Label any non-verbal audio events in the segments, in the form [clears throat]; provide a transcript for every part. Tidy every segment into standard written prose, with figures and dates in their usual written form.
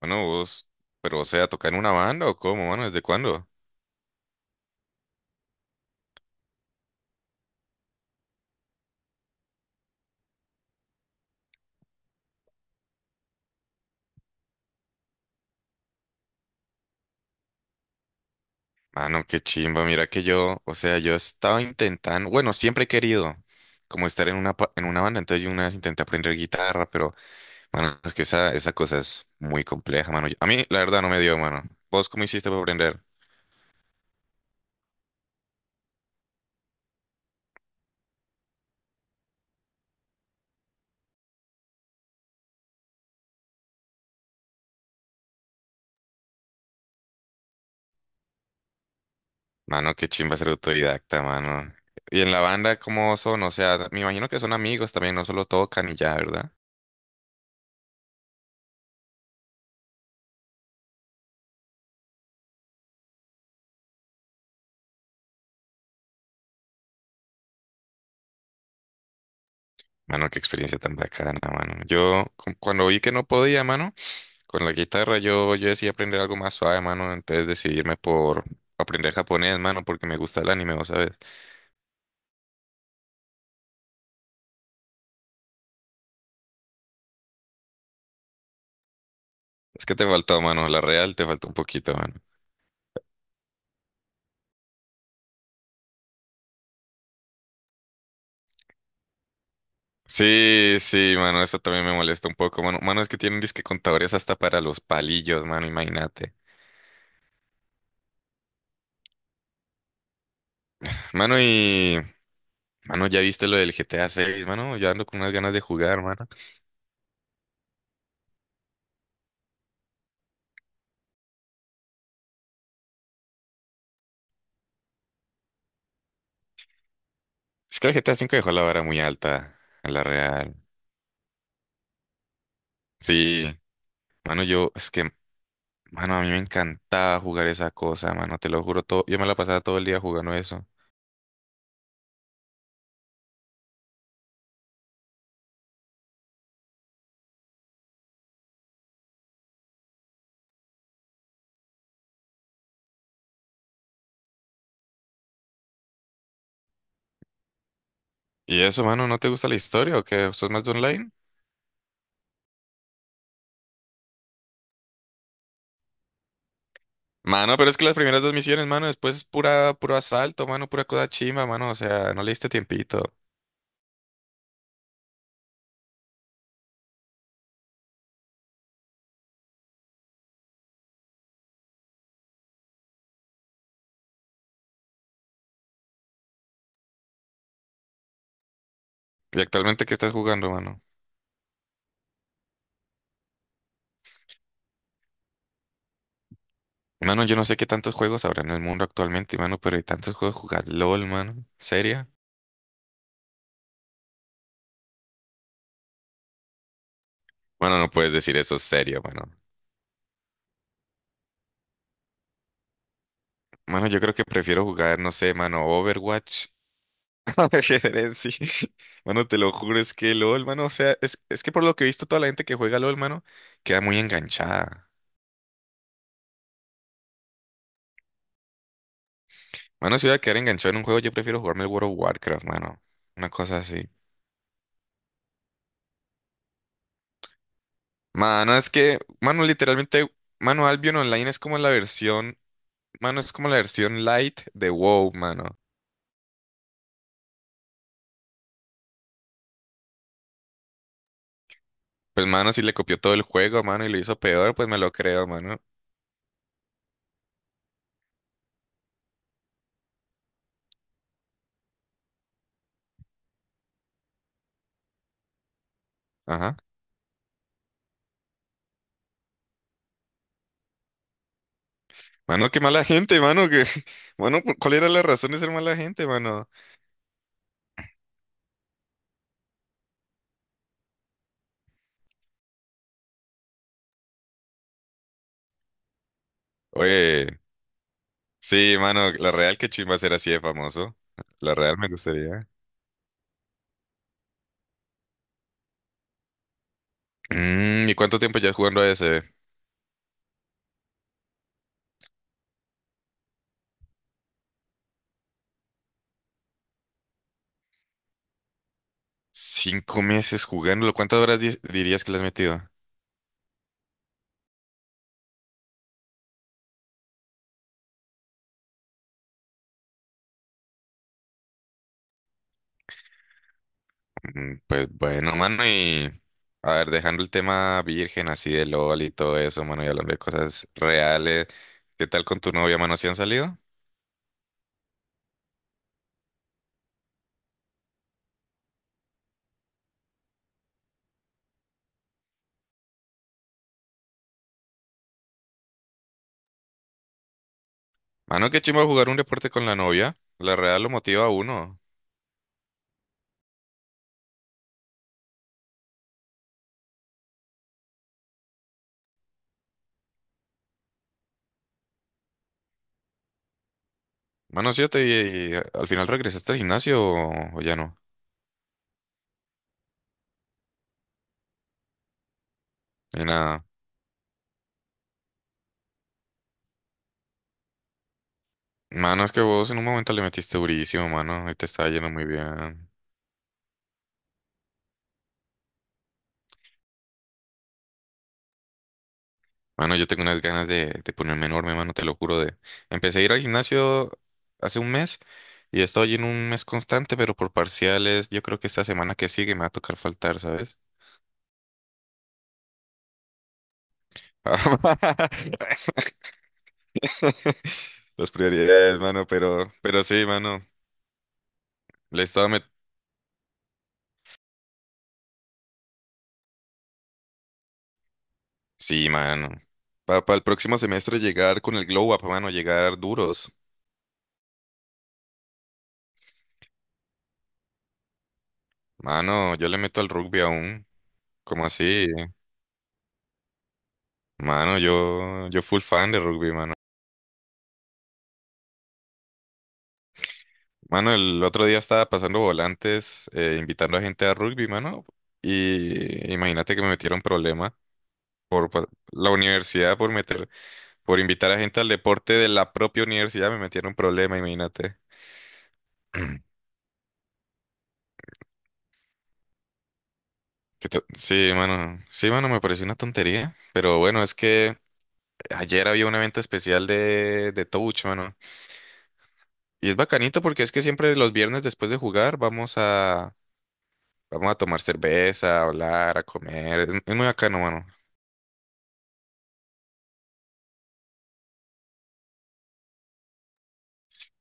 Bueno, vos, pero o sea, ¿tocar en una banda o cómo, mano? ¿Desde cuándo? Mano, qué chimba, mira que yo, o sea, yo estaba intentando, bueno, siempre he querido como estar en una, en una banda, entonces yo una vez intenté aprender guitarra, pero, mano, es que esa cosa es muy compleja, mano. A mí, la verdad, no me dio, mano. ¿Vos cómo hiciste para aprender? Mano, qué chimba ser autodidacta, mano. Y en la banda, ¿cómo son? O sea, me imagino que son amigos también, no solo tocan y ya, ¿verdad? Mano, qué experiencia tan bacana, mano. Yo, cuando vi que no podía, mano. Con la guitarra yo decidí aprender algo más suave, mano, entonces decidirme por aprender japonés, mano, porque me gusta el anime, ¿vos sabes? Es que te faltó, mano, la real te faltó un poquito, mano. Sí, sí, mano, eso también me molesta un poco, mano. Mano, es que tienen disque contadores hasta para los palillos, mano, imagínate. Mano, y... Mano, ¿ya viste lo del GTA 6, mano? Ya ando con unas ganas de jugar, mano. Es que el GTA 5 dejó la vara muy alta, en la real. Sí, mano, yo... Es que mano, a mí me encantaba jugar esa cosa, mano, te lo juro todo. Yo me la pasaba todo el día jugando eso. ¿Y eso, mano, no te gusta la historia o qué? ¿Sos más de online? Mano, pero es que las primeras dos misiones, mano, después es pura, puro asalto, mano, pura cosa chimba, mano, o sea, no le diste tiempito. ¿Y actualmente qué estás jugando, mano? Mano, yo no sé qué tantos juegos habrá en el mundo actualmente, mano, pero hay tantos juegos jugar LOL, mano. ¿Seria? Bueno, no puedes decir eso, serio, mano. Mano, yo creo que prefiero jugar, no sé, mano, Overwatch. [laughs] Ajedrez, sí. Mano, te lo juro, es que LOL, mano, o sea, es que por lo que he visto, toda la gente que juega LOL, mano, queda muy enganchada. Mano, si voy a quedar enganchado en un juego, yo prefiero jugarme el World of Warcraft, mano. Una cosa así. Mano, es que, mano, literalmente, mano, Albion Online es como la versión, mano, es como la versión light de WoW, mano. Pues, mano, si le copió todo el juego, mano, y lo hizo peor, pues me lo creo, mano. Ajá. Mano, qué mala gente, mano, que, [laughs] mano, ¿cuál era la razón de ser mala gente, mano? Oye. Sí, mano, la Real que chimba ser así de famoso. La Real me gustaría. Mm, ¿y cuánto tiempo ya jugando a ese? 5 meses jugándolo. ¿Cuántas horas dirías que le has metido? Mm, pues bueno, mano, y a ver, dejando el tema virgen así de LOL y todo eso, mano, y hablando de cosas reales. ¿Qué tal con tu novia, mano? ¿Si han salido? Mano, qué chimba jugar un deporte con la novia. La Real lo motiva a uno. Mano, ¿sí yo te y, al final regresaste al gimnasio o ya no? Ni nada. Mano, es que vos en un momento le metiste durísimo, mano, y te estaba yendo muy bien. Mano, yo tengo unas ganas de ponerme enorme, mano, te lo juro. De... Empecé a ir al gimnasio hace un mes y he estado yendo un mes constante, pero por parciales, yo creo que esta semana que sigue me va a tocar faltar, ¿sabes? [laughs] Las prioridades, mano, pero sí, mano. Le estaba met- Sí, mano. Para el próximo semestre llegar con el glow up, mano, llegar duros. Mano, yo le meto al rugby aún. Como así? Mano, yo full fan de rugby, mano. Mano, el otro día estaba pasando volantes, invitando a gente a rugby, mano. Y imagínate que me metieron problema la universidad por invitar a gente al deporte de la propia universidad, me metieron problema, imagínate. [clears throat] Sí, mano. Sí, mano, me pareció una tontería. Pero bueno, es que ayer había un evento especial de Touch, mano. Y es bacanito porque es que siempre los viernes después de jugar Vamos a tomar cerveza, a hablar, a comer. Es muy bacano, mano.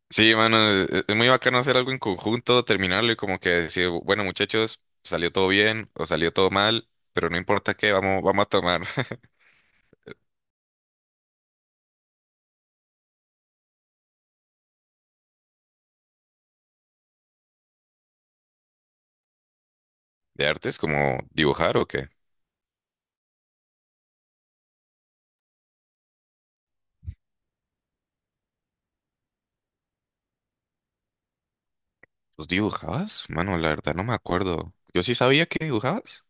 Sí, mano, es muy bacano hacer algo en conjunto, terminarlo y como que decir, bueno, muchachos, salió todo bien o salió todo mal, pero no importa qué, vamos, vamos a tomar. [laughs] ¿De artes como dibujar o qué? ¿Los dibujabas? Mano, la verdad no me acuerdo. Yo sí sabía que dibujabas.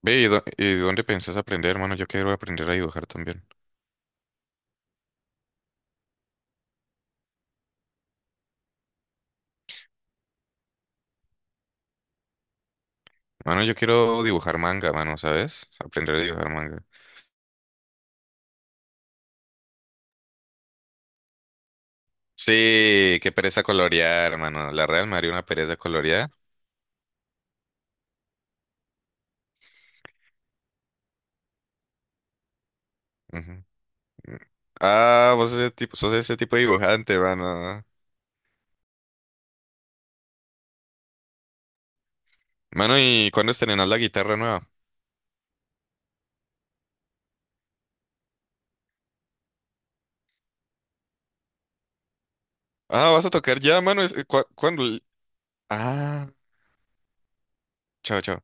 Ve, y dónde pensás aprender, mano? Yo quiero aprender a dibujar también. Mano, yo quiero dibujar manga, mano, ¿sabes? Aprender a dibujar manga. Sí, qué pereza colorear, hermano. La Real María una pereza colorear. Ujú. Ah, vos sos ese tipo de dibujante, mano. Mano, ¿y cuándo estrenás la guitarra nueva? Ah, vas a tocar ya, mano. ¿Cuándo? Ah, chao, chao.